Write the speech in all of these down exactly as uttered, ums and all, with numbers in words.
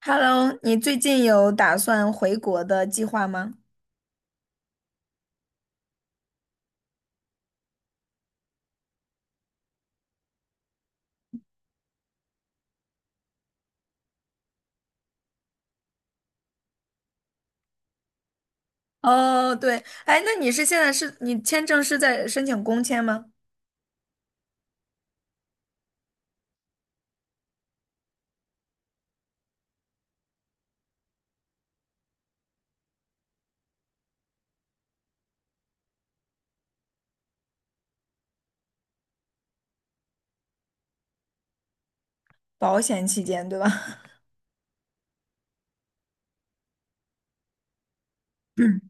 Hello,你最近有打算回国的计划吗？哦，对，哎，那你是现在是你签证是在申请工签吗？保险期间，对吧？嗯。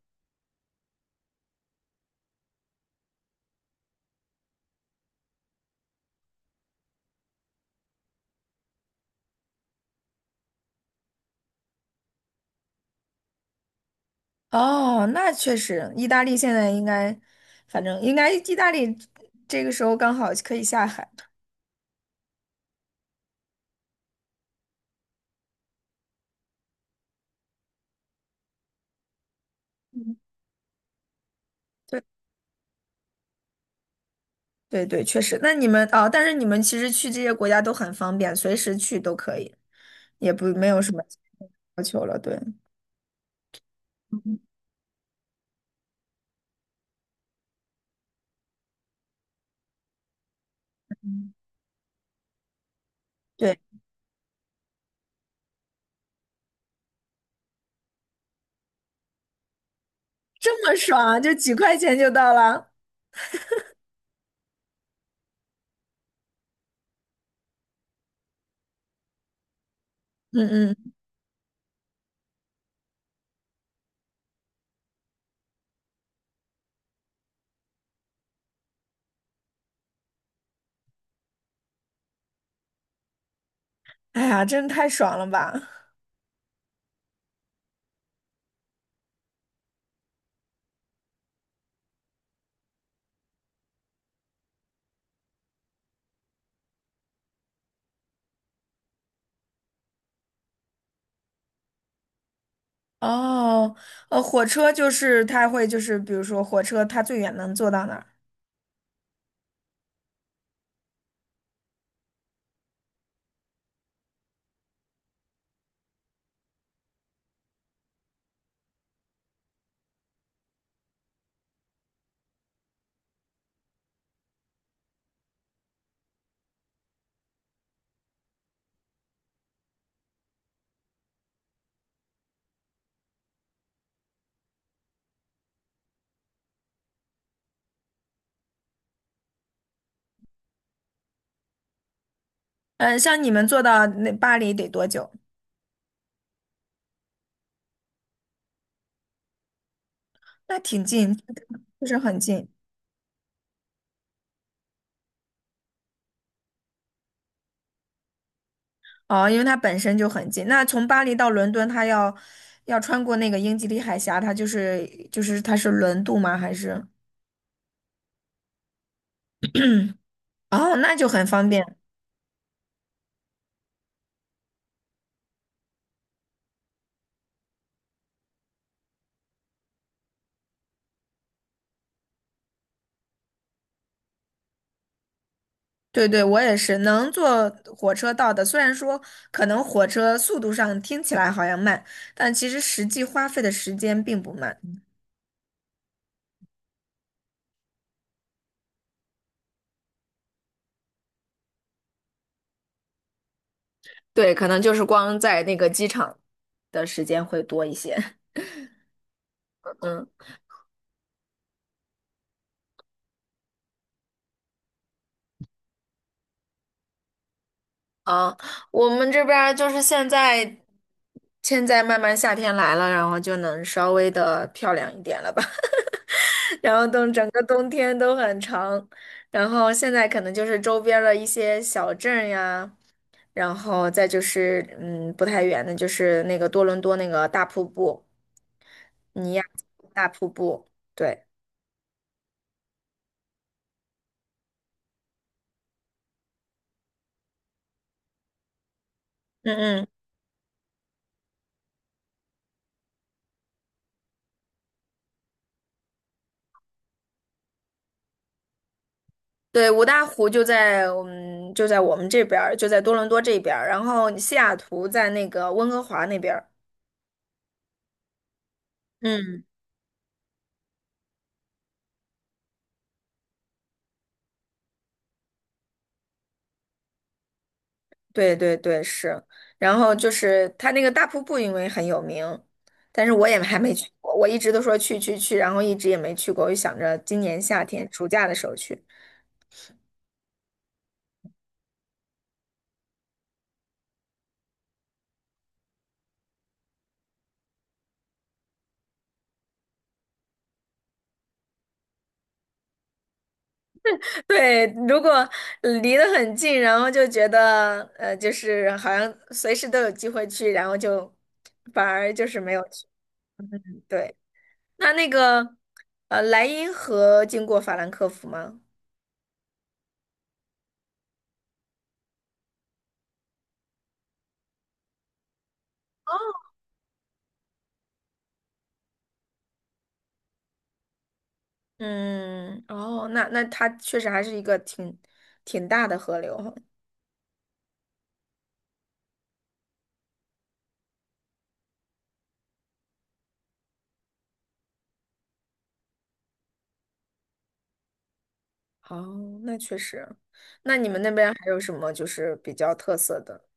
哦，那确实，意大利现在应该，反正应该意大利这个时候刚好可以下海。嗯，对对对，确实。那你们哦，但是你们其实去这些国家都很方便，随时去都可以，也不没有什么要求了。对，嗯，对，这么爽，就几块钱就到了。嗯嗯，哎呀，真太爽了吧！哦，呃，火车就是它会就是，比如说火车它最远能坐到哪儿？嗯，像你们坐到那巴黎得多久？那挺近，就是很近。哦，因为它本身就很近。那从巴黎到伦敦，它要要穿过那个英吉利海峡，它就是就是它是轮渡吗？还是？哦，那就很方便。对对，我也是能坐火车到的。虽然说可能火车速度上听起来好像慢，但其实实际花费的时间并不慢。对，可能就是光在那个机场的时间会多一些。嗯。啊，我们这边儿就是现在，现在慢慢夏天来了，然后就能稍微的漂亮一点了吧。然后等整个冬天都很长，然后现在可能就是周边儿的一些小镇呀。然后再就是，嗯，不太远的，就是那个多伦多那个大瀑布，尼亚大瀑布，对，嗯嗯，对，五大湖就在我们就在我们这边儿，就在多伦多这边儿，然后西雅图在那个温哥华那边儿，嗯，对对对，是，然后就是它那个大瀑布，因为很有名，但是我也还没去过，我一直都说去去去，然后一直也没去过，我就想着今年夏天暑假的时候去。对，如果呃离得很近，然后就觉得呃，就是好像随时都有机会去，然后就反而就是没有去。对，那那个呃，莱茵河经过法兰克福吗？嗯，哦，那那它确实还是一个挺挺大的河流哈。哦，那确实。那你们那边还有什么就是比较特色的？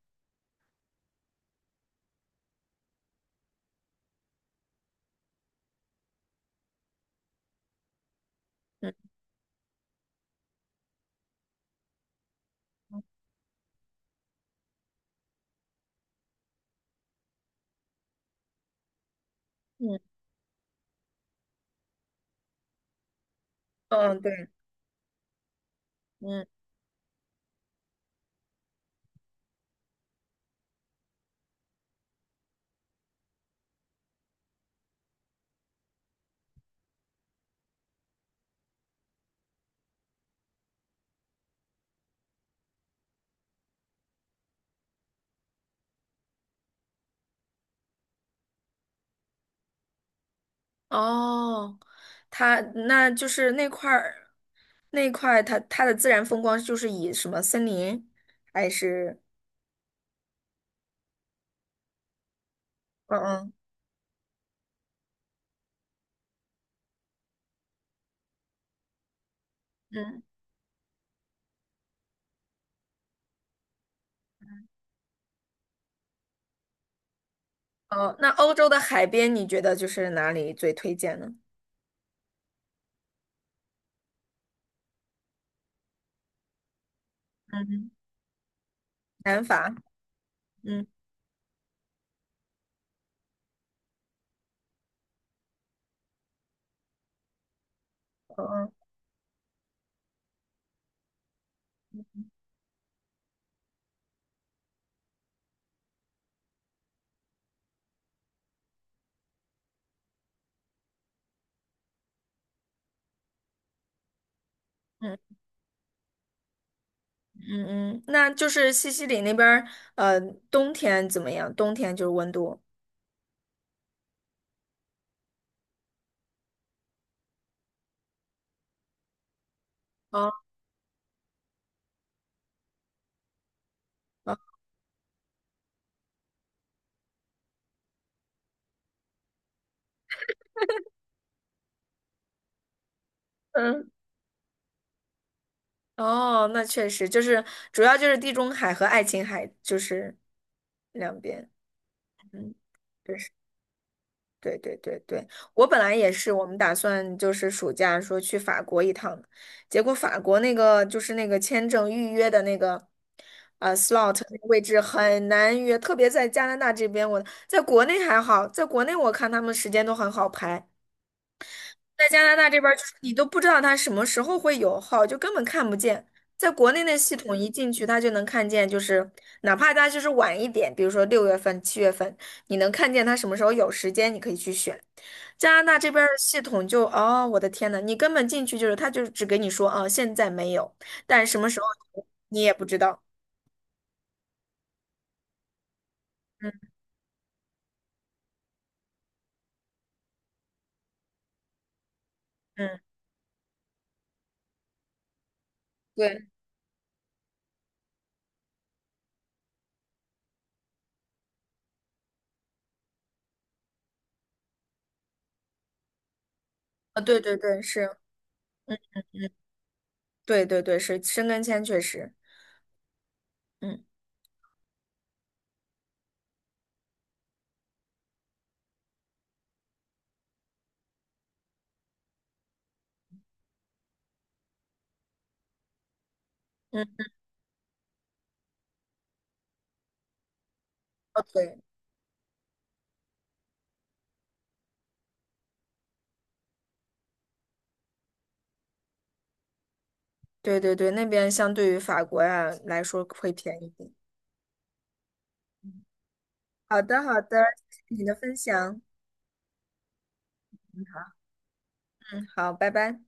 嗯嗯，嗯，对。嗯。哦，它那就是那块儿，那块它它的自然风光就是以什么森林还是嗯嗯嗯。哦，那欧洲的海边你觉得就是哪里最推荐呢？嗯，南法，嗯嗯，嗯嗯，嗯，那就是西西里那边儿，呃，冬天怎么样？冬天就是温度。哦，哦，嗯，哦，那确实就是主要就是地中海和爱琴海就是两边，嗯，对。对对对对，我本来也是，我们打算就是暑假说去法国一趟，结果法国那个就是那个签证预约的那个，呃，slot 那个位置很难约，特别在加拿大这边，我在国内还好，在国内我看他们时间都很好排，在加拿大这边儿，就是你都不知道它什么时候会有号，就根本看不见。在国内那系统一进去，它就能看见，就是哪怕它就是晚一点，比如说六月份、七月份，你能看见它什么时候有时间，你可以去选。加拿大这边儿的系统就，哦，我的天呐，你根本进去就是它就只给你说啊，现在没有，但什么时候你也不知道。嗯嗯，对，啊，对对对，是，对对对，是，申根签确实，嗯嗯，哦，对。对对对，那边相对于法国呀来说会便宜一点。好的，好的，谢谢你的分享。嗯，好，拜拜。